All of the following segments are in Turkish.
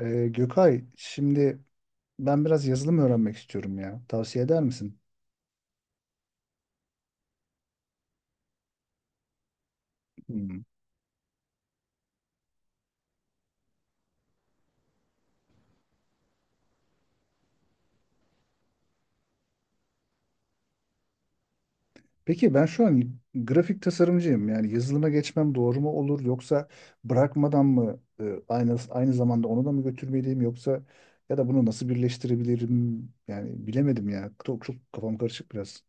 Gökay, şimdi ben biraz yazılım öğrenmek istiyorum ya. Tavsiye eder misin? Hmm. Peki ben şu an grafik tasarımcıyım. Yani yazılıma geçmem doğru mu olur yoksa bırakmadan mı aynı zamanda onu da mı götürmeliyim yoksa ya da bunu nasıl birleştirebilirim? Yani bilemedim ya. Çok kafam karışık biraz.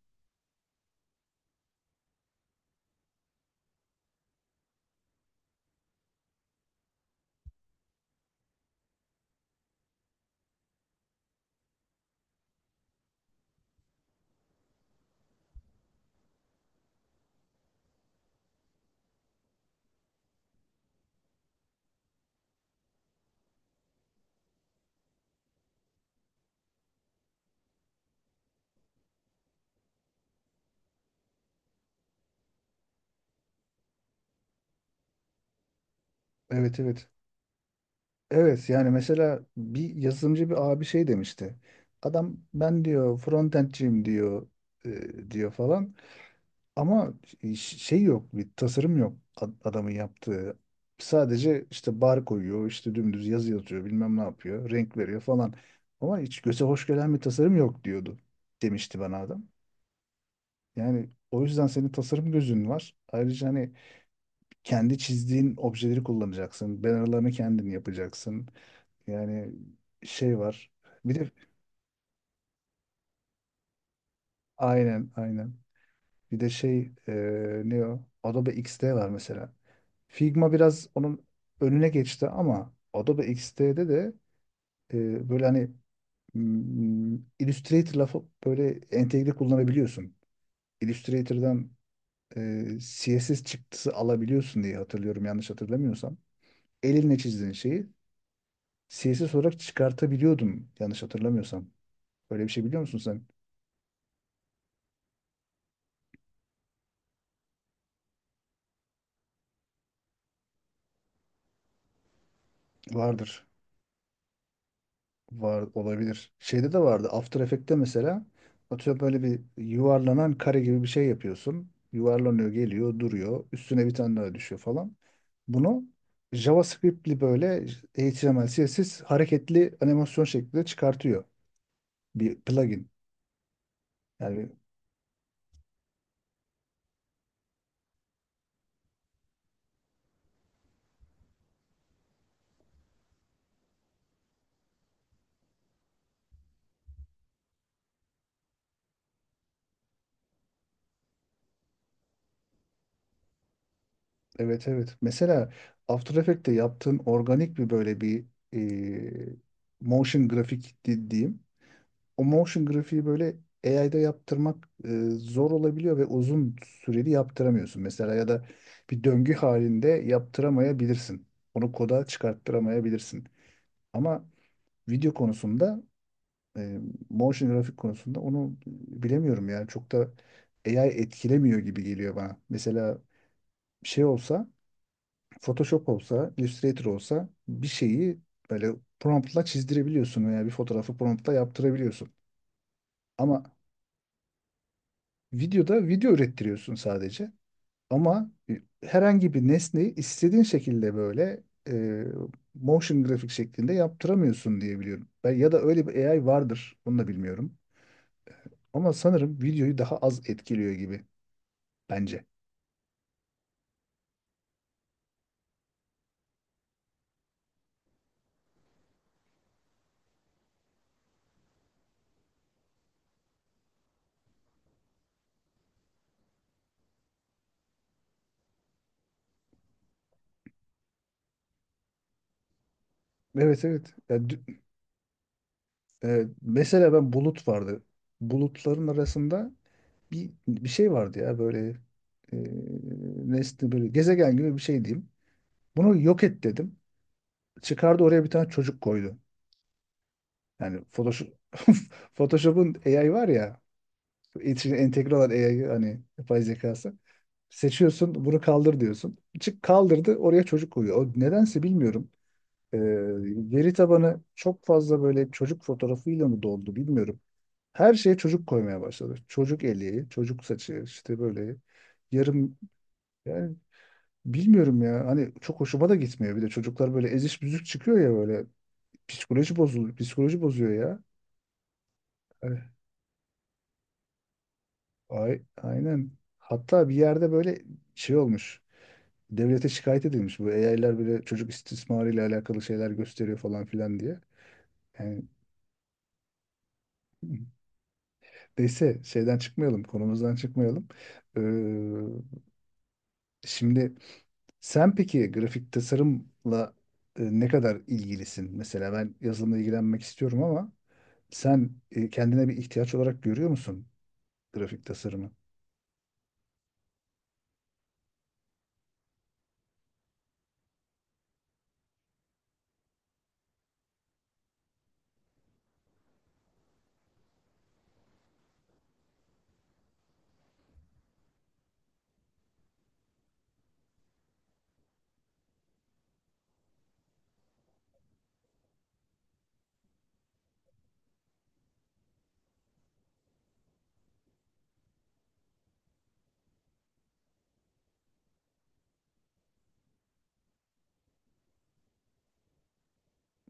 Evet, evet. Evet, yani mesela bir yazılımcı bir abi şey demişti. Adam ben diyor frontendciyim diyor diyor falan. Ama şey yok, bir tasarım yok adamın yaptığı. Sadece işte bar koyuyor, işte dümdüz yazı yazıyor, bilmem ne yapıyor, renk veriyor falan. Ama hiç göze hoş gelen bir tasarım yok diyordu, demişti bana adam. Yani o yüzden senin tasarım gözün var. Ayrıca hani kendi çizdiğin objeleri kullanacaksın. Bannerlarını kendin yapacaksın. Yani şey var. Bir de aynen, aynen. Bir de şey ne o? Adobe XD var mesela. Figma biraz onun önüne geçti ama Adobe XD'de de böyle hani Illustrator lafı böyle entegre kullanabiliyorsun. Illustrator'dan CSS çıktısı alabiliyorsun diye hatırlıyorum yanlış hatırlamıyorsam. Elinle çizdiğin şeyi CSS olarak çıkartabiliyordum yanlış hatırlamıyorsam. Böyle bir şey biliyor musun sen? Vardır. Var olabilir. Şeyde de vardı. After Effects'te mesela atıyorum böyle bir yuvarlanan kare gibi bir şey yapıyorsun. Yuvarlanıyor, geliyor, duruyor. Üstüne bir tane daha düşüyor falan. Bunu JavaScript'li böyle HTML, CSS hareketli animasyon şeklinde çıkartıyor. Bir plugin. Yani evet, evet. Mesela After Effects'te yaptığın organik bir böyle bir e, motion grafik dediğim o motion grafiği böyle AI'da yaptırmak zor olabiliyor ve uzun süreli yaptıramıyorsun. Mesela ya da bir döngü halinde yaptıramayabilirsin. Onu koda çıkarttıramayabilirsin. Ama video konusunda e, motion grafik konusunda onu bilemiyorum yani çok da AI etkilemiyor gibi geliyor bana. Mesela şey olsa Photoshop olsa, Illustrator olsa bir şeyi böyle promptla çizdirebiliyorsun veya bir fotoğrafı promptla yaptırabiliyorsun. Ama videoda video ürettiriyorsun sadece. Ama herhangi bir nesneyi istediğin şekilde böyle e, motion grafik şeklinde yaptıramıyorsun diye biliyorum. Ben, ya da öyle bir AI vardır. Onu da bilmiyorum. Ama sanırım videoyu daha az etkiliyor gibi bence. Evet, evet. Mesela ben bulut vardı. Bulutların arasında bir şey vardı ya böyle e, nesne böyle gezegen gibi bir şey diyeyim. Bunu yok et dedim. Çıkardı oraya bir tane çocuk koydu. Yani Photoshop, Photoshop'un AI var ya, içine entegre olan AI hani yapay zekası. Seçiyorsun, bunu kaldır diyorsun. Çık kaldırdı, oraya çocuk koyuyor. O nedense bilmiyorum. Ee, veri tabanı çok fazla böyle çocuk fotoğrafıyla mı doldu bilmiyorum. Her şeye çocuk koymaya başladı. Çocuk eli, çocuk saçı, işte böyle yarım yani bilmiyorum ya. Hani çok hoşuma da gitmiyor. Bir de çocuklar böyle eziş büzük çıkıyor ya böyle. Psikoloji bozuluyor, psikoloji bozuyor ya. Hani Ay, aynen. Hatta bir yerde böyle şey olmuş. Devlete şikayet edilmiş. Bu AI'ler böyle çocuk istismarıyla alakalı şeyler gösteriyor falan filan diye. Yani neyse şeyden çıkmayalım, konumuzdan çıkmayalım. Ee, şimdi sen peki grafik tasarımla ne kadar ilgilisin? Mesela ben yazılımla ilgilenmek istiyorum ama sen kendine bir ihtiyaç olarak görüyor musun grafik tasarımı?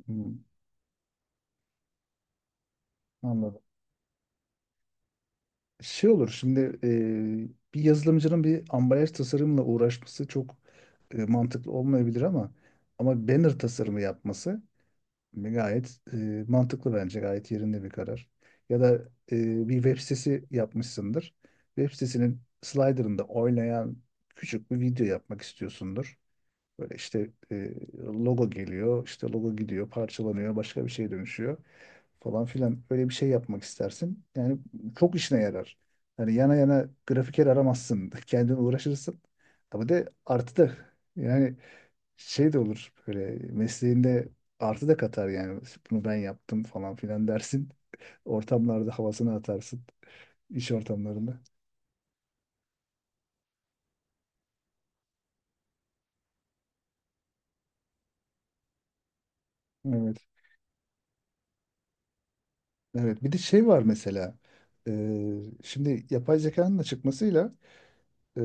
Hmm, anladım. Şey olur şimdi bir yazılımcının bir ambalaj tasarımla uğraşması çok mantıklı olmayabilir ama banner tasarımı yapması gayet mantıklı, bence gayet yerinde bir karar. Ya da bir web sitesi yapmışsındır. Web sitesinin slider'ında oynayan küçük bir video yapmak istiyorsundur. Böyle işte logo geliyor, işte logo gidiyor, parçalanıyor, başka bir şeye dönüşüyor falan filan. Öyle bir şey yapmak istersin. Yani çok işine yarar. Yani yana yana grafiker aramazsın. Kendin uğraşırsın. Ama de artı da yani şey de olur böyle mesleğinde artı da katar yani. Bunu ben yaptım falan filan dersin. Ortamlarda havasını atarsın. İş ortamlarında. Evet. Evet. Bir de şey var mesela. Şimdi yapay zekanın da çıkmasıyla e,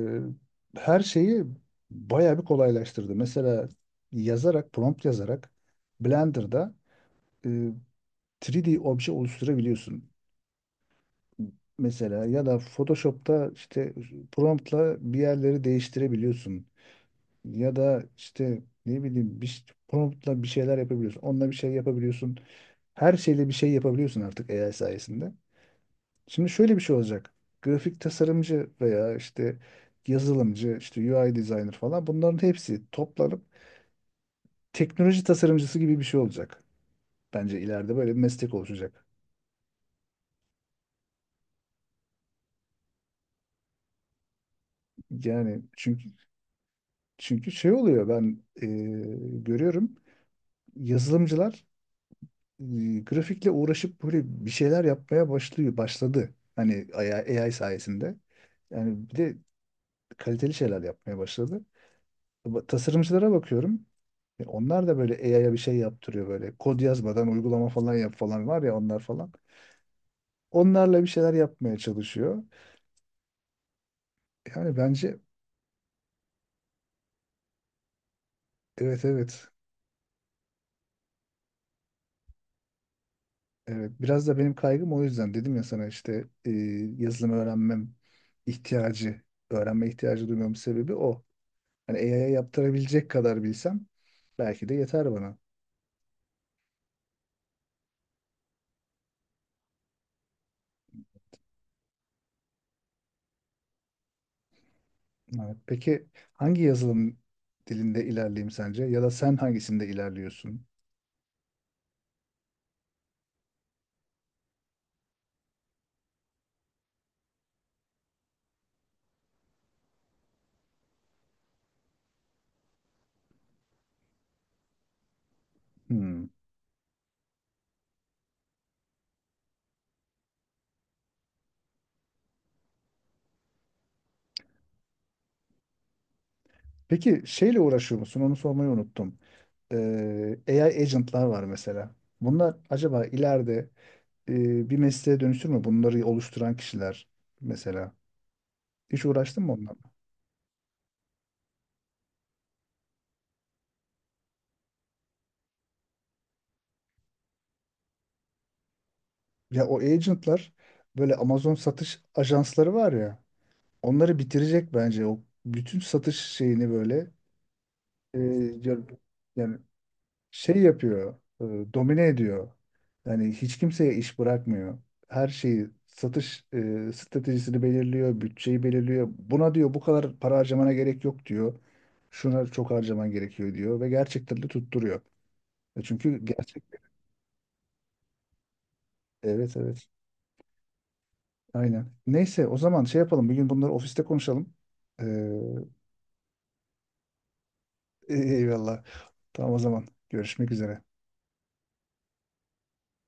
her şeyi bayağı bir kolaylaştırdı. Mesela yazarak, prompt yazarak Blender'da e, 3D obje oluşturabiliyorsun. Mesela ya da Photoshop'ta işte promptla bir yerleri değiştirebiliyorsun. Ya da işte ne bileyim bir promptla bir şeyler yapabiliyorsun. Onunla bir şey yapabiliyorsun. Her şeyle bir şey yapabiliyorsun artık AI sayesinde. Şimdi şöyle bir şey olacak. Grafik tasarımcı veya işte yazılımcı, işte UI designer falan bunların hepsi toplanıp teknoloji tasarımcısı gibi bir şey olacak. Bence ileride böyle bir meslek oluşacak. Yani çünkü şey oluyor ben görüyorum yazılımcılar e, grafikle uğraşıp böyle bir şeyler yapmaya başlıyor, başladı. Hani AI sayesinde. Yani bir de kaliteli şeyler yapmaya başladı. Ama tasarımcılara bakıyorum. E, onlar da böyle AI'ya bir şey yaptırıyor böyle. Kod yazmadan uygulama falan yap falan var ya onlar falan. Onlarla bir şeyler yapmaya çalışıyor. Yani bence evet, evet. Evet, biraz da benim kaygım o yüzden dedim ya sana işte yazılım öğrenmem ihtiyacı, öğrenme ihtiyacı duymamın sebebi o. Hani AI'ya yaptırabilecek kadar bilsem belki de yeter bana. Evet. Peki hangi yazılım dilinde ilerleyeyim sence ya da sen hangisinde ilerliyorsun? Hmm. Peki şeyle uğraşıyor musun? Onu sormayı unuttum. AI agentlar var mesela. Bunlar acaba ileride bir mesleğe dönüşür mü? Bunları oluşturan kişiler mesela. Hiç uğraştın mı onlarla? Ya o agentlar böyle Amazon satış ajansları var ya. Onları bitirecek bence o bütün satış şeyini böyle. E, yani yani şey yapıyor, e, domine ediyor. Yani hiç kimseye iş bırakmıyor. Her şeyi satış stratejisini belirliyor, bütçeyi belirliyor. Buna diyor bu kadar para harcamana gerek yok diyor. Şuna çok harcaman gerekiyor diyor ve gerçekten de tutturuyor. E, çünkü gerçek. Evet, evet. Aynen. Neyse o zaman şey yapalım. Bir gün bunları ofiste konuşalım. Ee, eyvallah. Tamam o zaman. Görüşmek üzere.